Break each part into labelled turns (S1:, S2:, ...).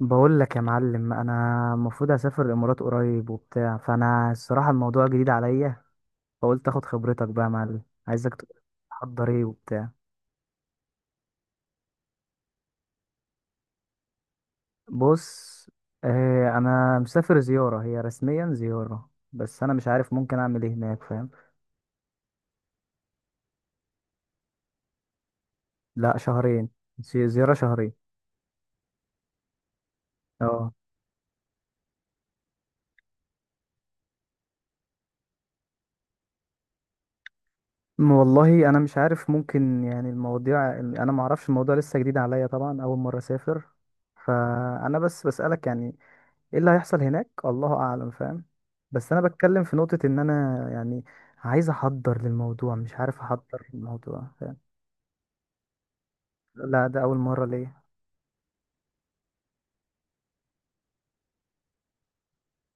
S1: بقول لك يا معلم انا المفروض اسافر الامارات قريب وبتاع، فانا الصراحه الموضوع جديد عليا، فقلت اخد خبرتك بقى يا معلم، عايزك تقول لي تحضر ايه وبتاع. بص، آه انا مسافر زياره، هي رسميا زياره بس انا مش عارف ممكن اعمل ايه هناك، فاهم؟ لا شهرين. زياره شهرين. اه. والله انا مش عارف، ممكن يعني المواضيع انا ما اعرفش، الموضوع لسه جديد عليا، طبعا اول مره اسافر. فانا بس بسالك يعني ايه اللي هيحصل هناك، الله اعلم، فاهم؟ بس انا بتكلم في نقطة ان انا يعني عايز احضر للموضوع، مش عارف احضر للموضوع، فاهم؟ لا ده اول مرة ليه.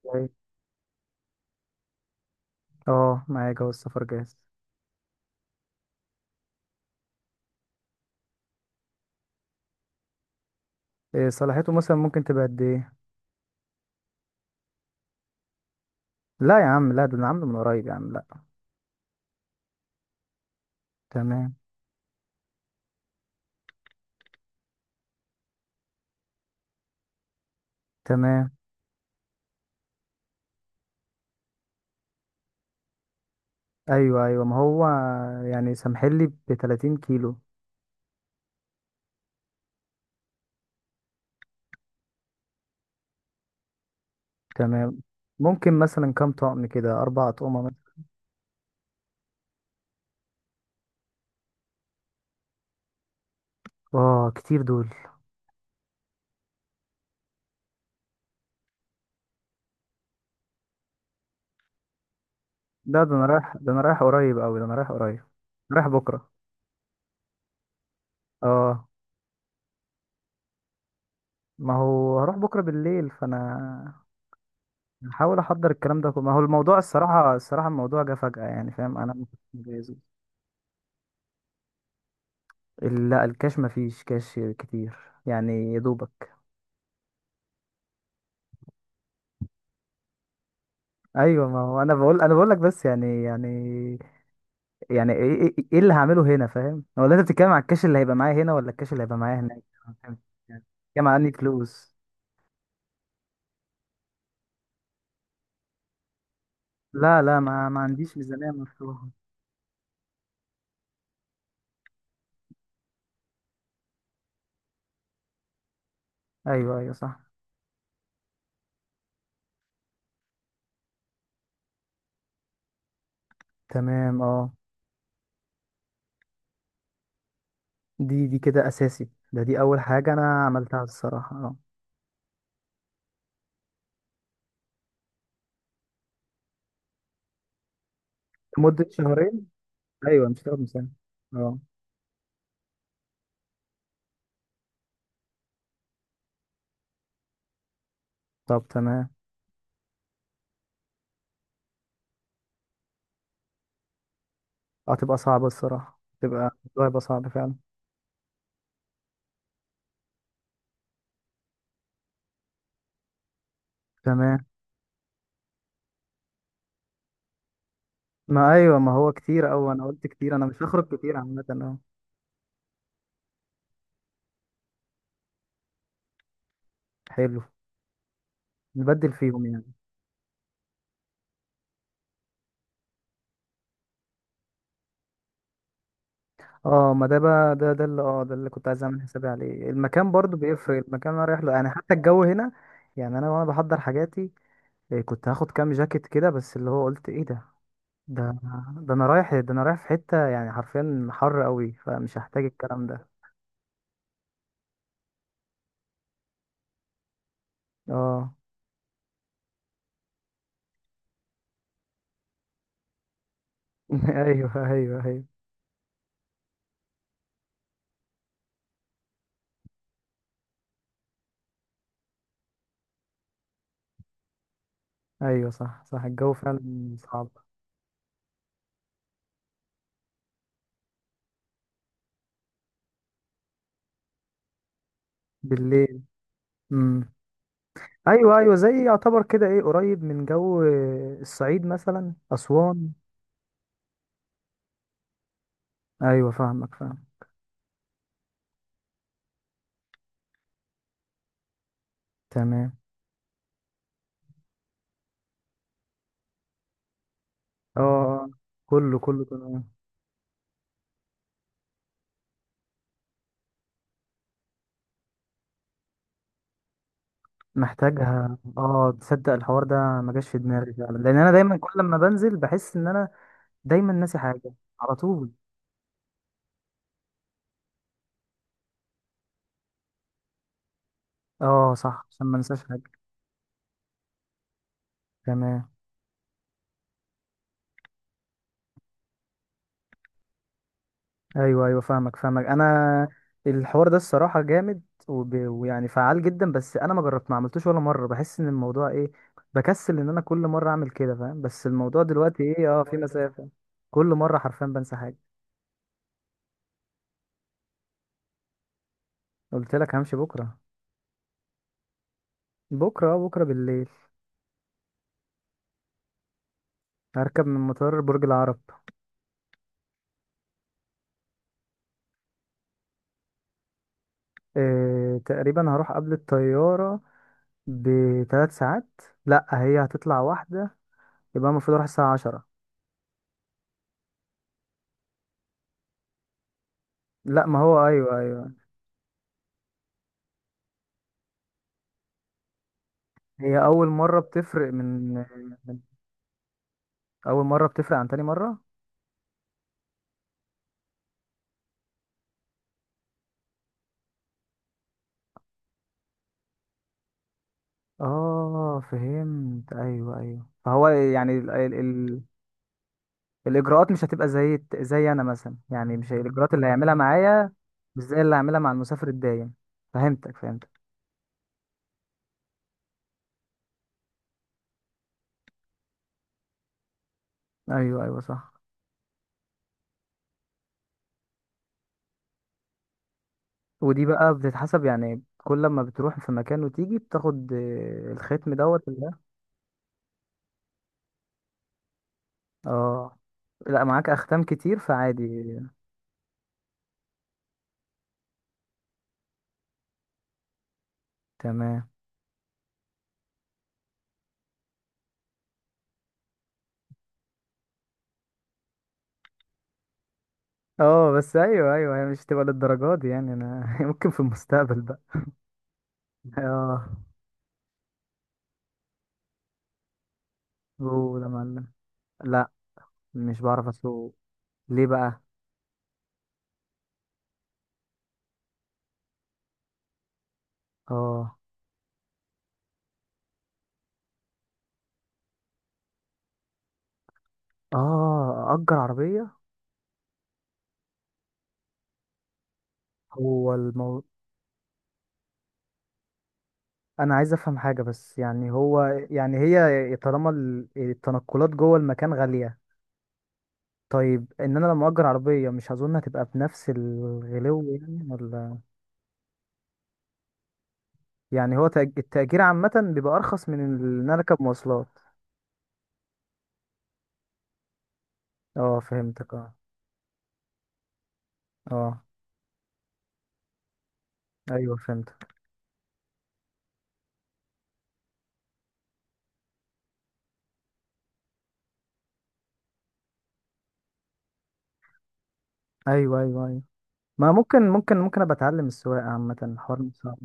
S1: طيب. اه معايا جواز السفر جاهز. إيه صلاحيته مثلا، ممكن تبقى قد ايه؟ لا يا عم لا، ده انا عامله من قريب يا عم، لا. تمام. تمام. ايوه ايوه، ما هو يعني سامحلي ب 30 كيلو. تمام. ممكن مثلا كام طقم، كده اربع اطقمة مثلا؟ اه كتير دول. لا ده انا رايح، ده انا رايح قريب اوي، ده انا رايح قريب. رايح بكرة. اه. ما هو هروح بكرة بالليل، فانا هحاول احضر الكلام ده كله، ما هو الموضوع الصراحة الصراحة الموضوع جه فجأة يعني، فاهم؟ انا ما كنتش مجهزه. لا الكاش ما فيش كاش كتير، يعني يا دوبك. ايوه ما هو انا بقول، انا بقول لك بس يعني، يعني ايه، إيه اللي هعمله هنا، فاهم؟ ولا انت بتتكلم على الكاش اللي هيبقى معايا هنا، ولا الكاش اللي هيبقى معايا هناك؟ أنا فاهم. يعني بتتكلم على اني فلوس؟ لا لا، ما ما عنديش ميزانية مفتوحة. ايوه ايوه صح. تمام اه. دي دي كده اساسي، ده دي اول حاجه انا عملتها الصراحه، اه. لمده شهرين. ايوه مش هتاخد من سنه. اه. طب تمام. هتبقى صعبه الصراحه، تبقى الموضوع هيبقى صعب فعلا. تمام. ما ايوه، ما هو كتير اوي، انا قلت كتير، انا مش هخرج كتير عامه، اه. حلو. نبدل فيهم يعني. اه. ما ده بقى، ده اللي اه، ده اللي كنت عايز اعمل حسابي عليه، المكان برضو بيفرق، المكان اللي انا رايح له، يعني حتى الجو هنا. يعني انا وانا بحضر حاجاتي إيه، كنت هاخد كام جاكيت كده، بس اللي هو قلت ايه ده؟ ده ده انا رايح، ده انا رايح في حتة يعني حرفيا حر قوي، فمش هحتاج الكلام ده. اه. ايوه ايوه ايوه. ايوه صح صح، الجو فعلا صعب. بالليل. امم. ايوه ايوه، زي يعتبر كده ايه قريب من جو الصعيد مثلا، اسوان. ايوه فاهمك فاهم. تمام اه. آه. كله كله تمام. محتاجها اه، تصدق الحوار ده ما جاش في دماغي فعلا، لان انا دايما كل ما بنزل بحس ان انا دايما ناسي حاجه على طول. اه صح، عشان ما انساش حاجه. تمام. ايوه ايوه فاهمك فاهمك، انا الحوار ده الصراحه جامد ويعني فعال جدا، بس انا ما جربت، ما عملتوش ولا مره، بحس ان الموضوع ايه، بكسل ان انا كل مره اعمل كده، فاهم؟ بس الموضوع دلوقتي ايه اه، في مسافه. كل مره حرفيا بنسى حاجه. قلت لك همشي بكره. بكره اه، بكره بالليل. هركب من مطار برج العرب. إيه... تقريبا هروح قبل الطياره بثلاث ساعات. لا هي هتطلع واحده، يبقى المفروض اروح الساعه 10. لا ما هو ايوه ايوه. هي اول مرة بتفرق من من، اول مرة بتفرق عن تاني مرة. اه فهمت، ايوه ايوه، فهو يعني ال الاجراءات مش هتبقى زي زي انا مثلا، يعني مش الاجراءات اللي هيعملها معايا، مش زي اللي هعملها مع المسافر الدايم. فهمتك فهمتك. ايوه ايوه صح. ودي بقى بتتحسب يعني، كل لما بتروح في مكان وتيجي بتاخد آه، الختم دوت اللي ده. اه لا معاك اختام كتير، فعادي. تمام اه، بس ايوه ايوه، هي مش تبقى للدرجات دي يعني انا ممكن في المستقبل بقى. اه. اوه يا معلم. لا. مش بعرف اسوق. ليه بقى؟ اه. اه اجر عربيه. هو المو... انا عايز افهم حاجه بس، يعني هو يعني، هي طالما التنقلات جوه المكان غاليه، طيب ان انا لما اجر عربيه مش اظن هتبقى بنفس الغلو يعني، ولا؟ يعني هو التأجير عامه بيبقى ارخص من ان انا اركب مواصلات. اه فهمتك اه. اه ايوه فهمتك. ايوه ايوه ايوه. ما ممكن ممكن ابقى اتعلم السواقه، عامه الحوار مش صعب.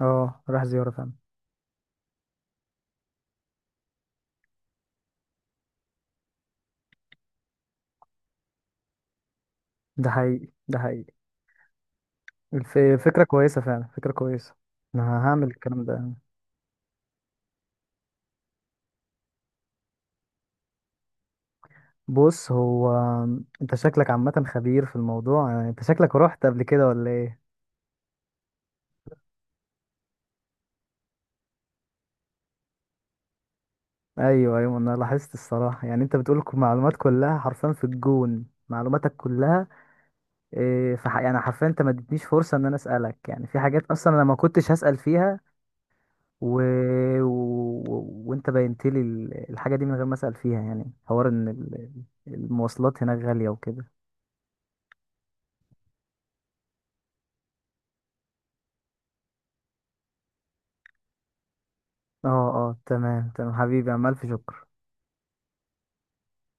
S1: اه راح زياره فعلا. ده حقيقي ده حقيقي. الف- فكره كويسه فعلا، فكره كويسه. انا هعمل الكلام ده. بص هو، انت شكلك عامه خبير في الموضوع، يعني انت شكلك رحت قبل كده ولا ايه؟ ايوه ايوه، انا لاحظت الصراحه، يعني انت بتقول معلومات كلها حرفيا في الجون، معلوماتك كلها إيه، يعني حرفيا انت ما اديتنيش فرصه ان انا اسالك، يعني في حاجات اصلا انا ما كنتش هسال فيها و... وانت بينت لي الحاجه دي من غير ما اسال فيها، يعني حوار ان المواصلات هناك غاليه وكده. اه اه تمام تمام حبيبي، عمال في شكر.